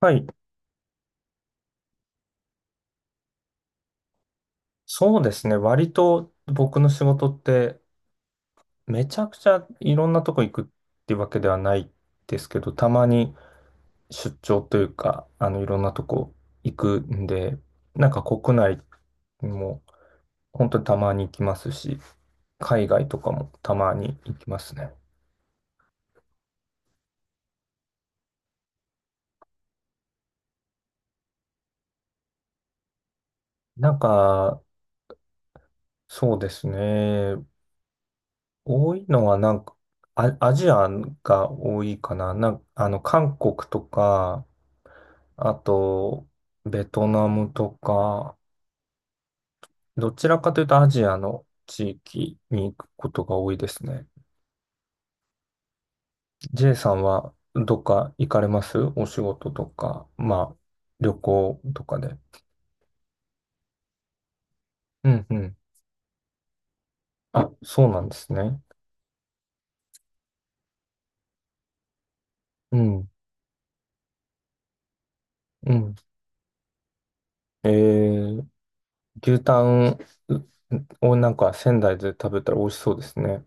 はい。そうですね。割と僕の仕事ってめちゃくちゃいろんなとこ行くってわけではないですけど、たまに出張というか、いろんなとこ行くんで、なんか国内も本当にたまに行きますし、海外とかもたまに行きますね。なんか、そうですね。多いのはなんか、アジアが多いかな。韓国とか、あと、ベトナムとか、どちらかというとアジアの地域に行くことが多いですね。J さんはどっか行かれますお仕事とか、まあ、旅行とかで。うんうん。あ、そうなんですね。うん、うん。えー、牛タンをなんか仙台で食べたら美味しそうですね。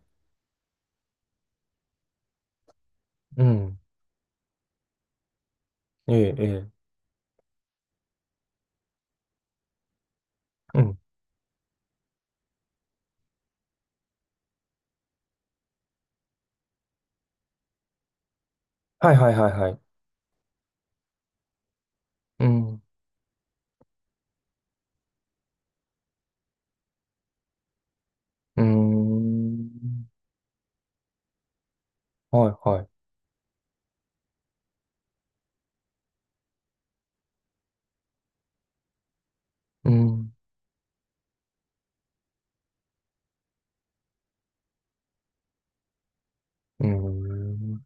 うん。ええ、ええ。うん。はいはいはいはい。うん。うーん。はいはい。うん。うん。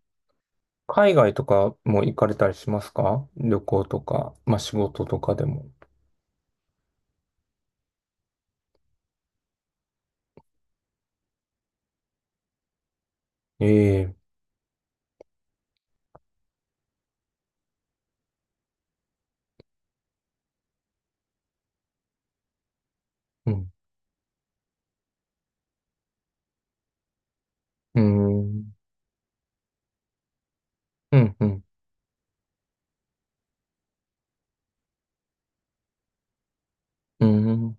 海外とかも行かれたりしますか？旅行とか、まあ仕事とかでも。ええ、うん。うん。うん。うん。うん、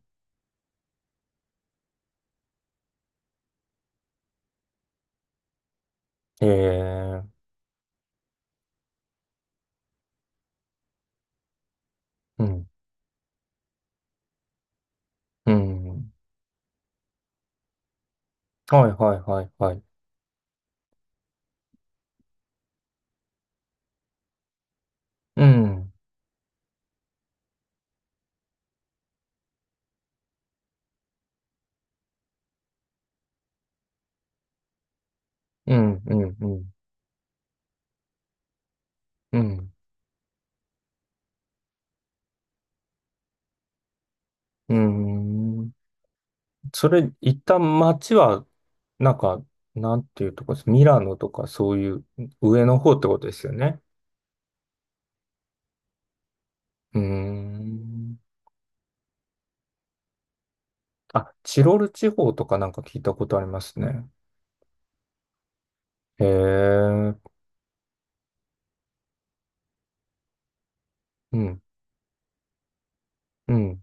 ええ、うん。うん。はいはいはいはい。うん。うん。うん。うん。うん。うん。それ、一旦街は、なんか、なんていうとこです？ミラノとかそういう上の方ってことですよね。うーん。あ、チロル地方とかなんか聞いたことありますね。へえ、うん、うん、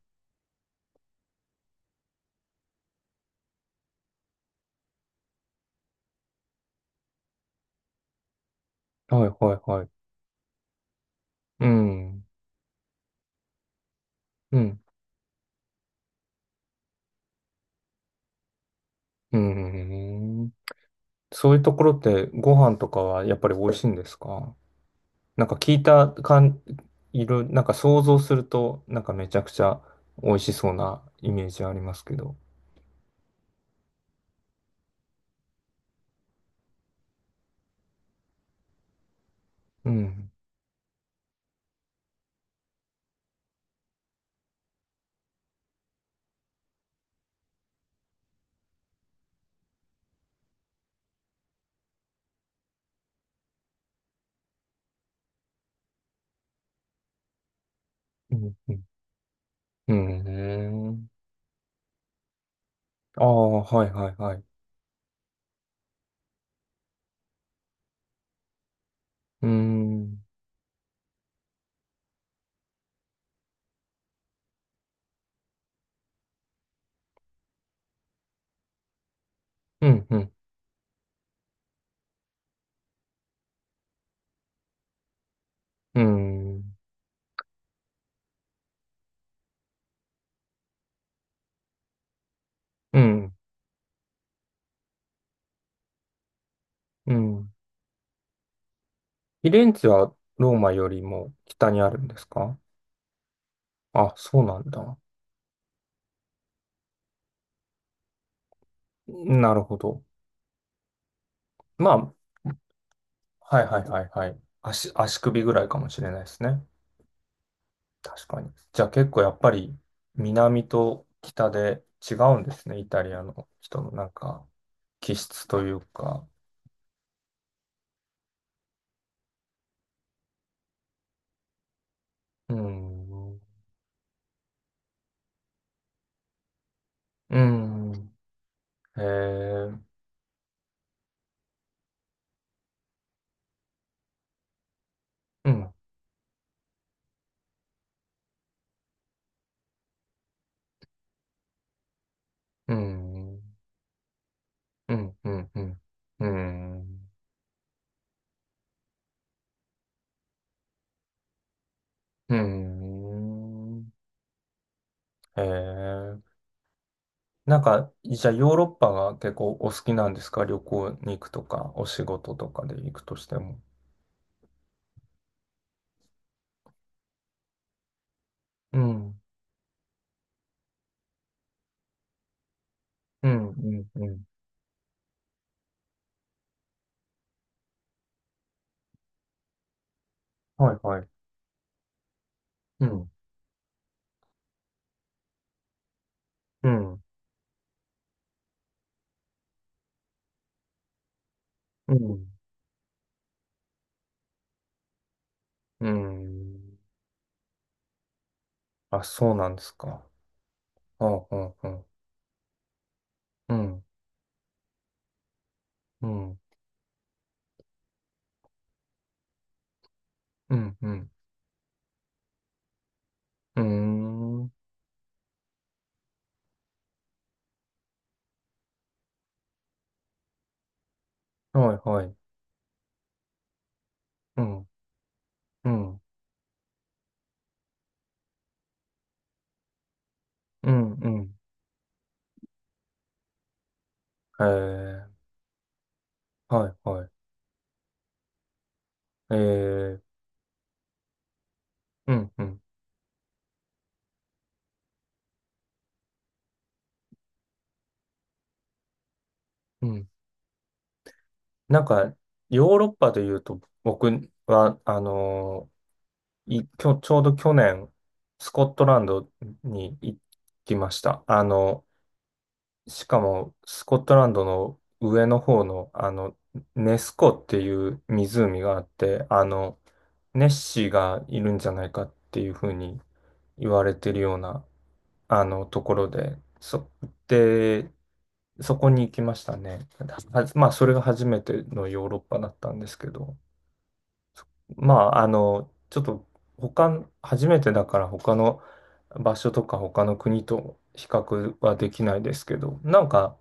はいはいはい。うん、うん、うん。そういうところってご飯とかはやっぱり美味しいんですか？なんか聞いた感、いろ、なんか想像すると、なんかめちゃくちゃ美味しそうなイメージありますけど。うん、うん、うん。うん、ああ、はいはいはい。うん、うん、うん、うん、うん、うん。フィレンツェはローマよりも北にあるんですか？あ、そうなんだ。なるほど。まあ、はいはいはいはい。足、足首ぐらいかもしれないですね。確かに。じゃあ結構やっぱり南と北で違うんですね、イタリアの人のなんか気質というか。うーん。うーん。へえ。うん。うん。うん。うん。うん。うん。うん。へえ。なんか、じゃあヨーロッパが結構お好きなんですか？旅行に行くとか、お仕事とかで行くとしても。うん。うん、うん、うん。はい、はい。うん、うん、うん、うん。あ、そうなんですか。うん、うん、うん、うん、うん、うん、うん。うーん。はい、はい。うん、うん、うん、うん。えー、はい、はい。えー、うん、うん、うん。なんか、ヨーロッパで言うと、僕は、あのーい、きょ、ちょうど去年、スコットランドに行きました。あの、しかも、スコットランドの上の方の、あの、ネス湖っていう湖があって、あの、ネッシーがいるんじゃないかっていうふうに言われてるような、あの、ところで、そこに行きましたね。はまあ、それが初めてのヨーロッパだったんですけど。まあ、あの、ちょっと他初めてだから他の場所とか他の国と比較はできないですけど、なんか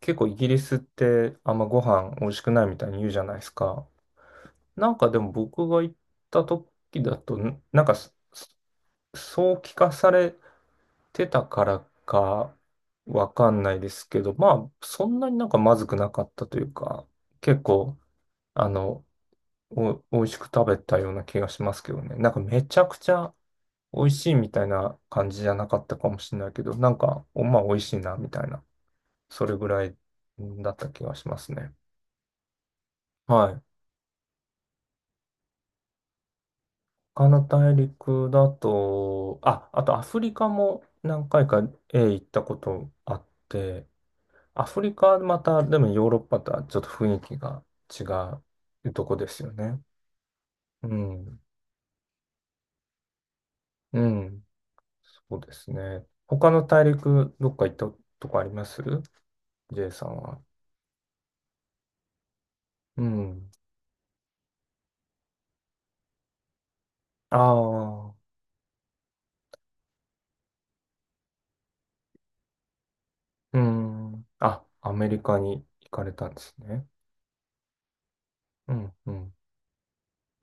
結構イギリスってあんまご飯美味しくないみたいに言うじゃないですか。なんかでも僕が行った時だと、なんかそそう聞かされてたからかわかんないですけど、まあそんなになんかまずくなかったというか、結構あの、美味しく食べたような気がしますけどね。なんかめちゃくちゃ美味しいみたいな感じじゃなかったかもしれないけど、なんか、お、まあ美味しいなみたいな、それぐらいだった気がしますね。はい。他の大陸だと、あ、あとアフリカも何回か行ったことあって、アフリカはまた、でもヨーロッパとはちょっと雰囲気が違うとこですよね。うん。うん。そうですね。他の大陸、どっか行ったとこあります？ J さんは。うん。ああ、うん。あ、アメリカに行かれたんですね。うん、うん。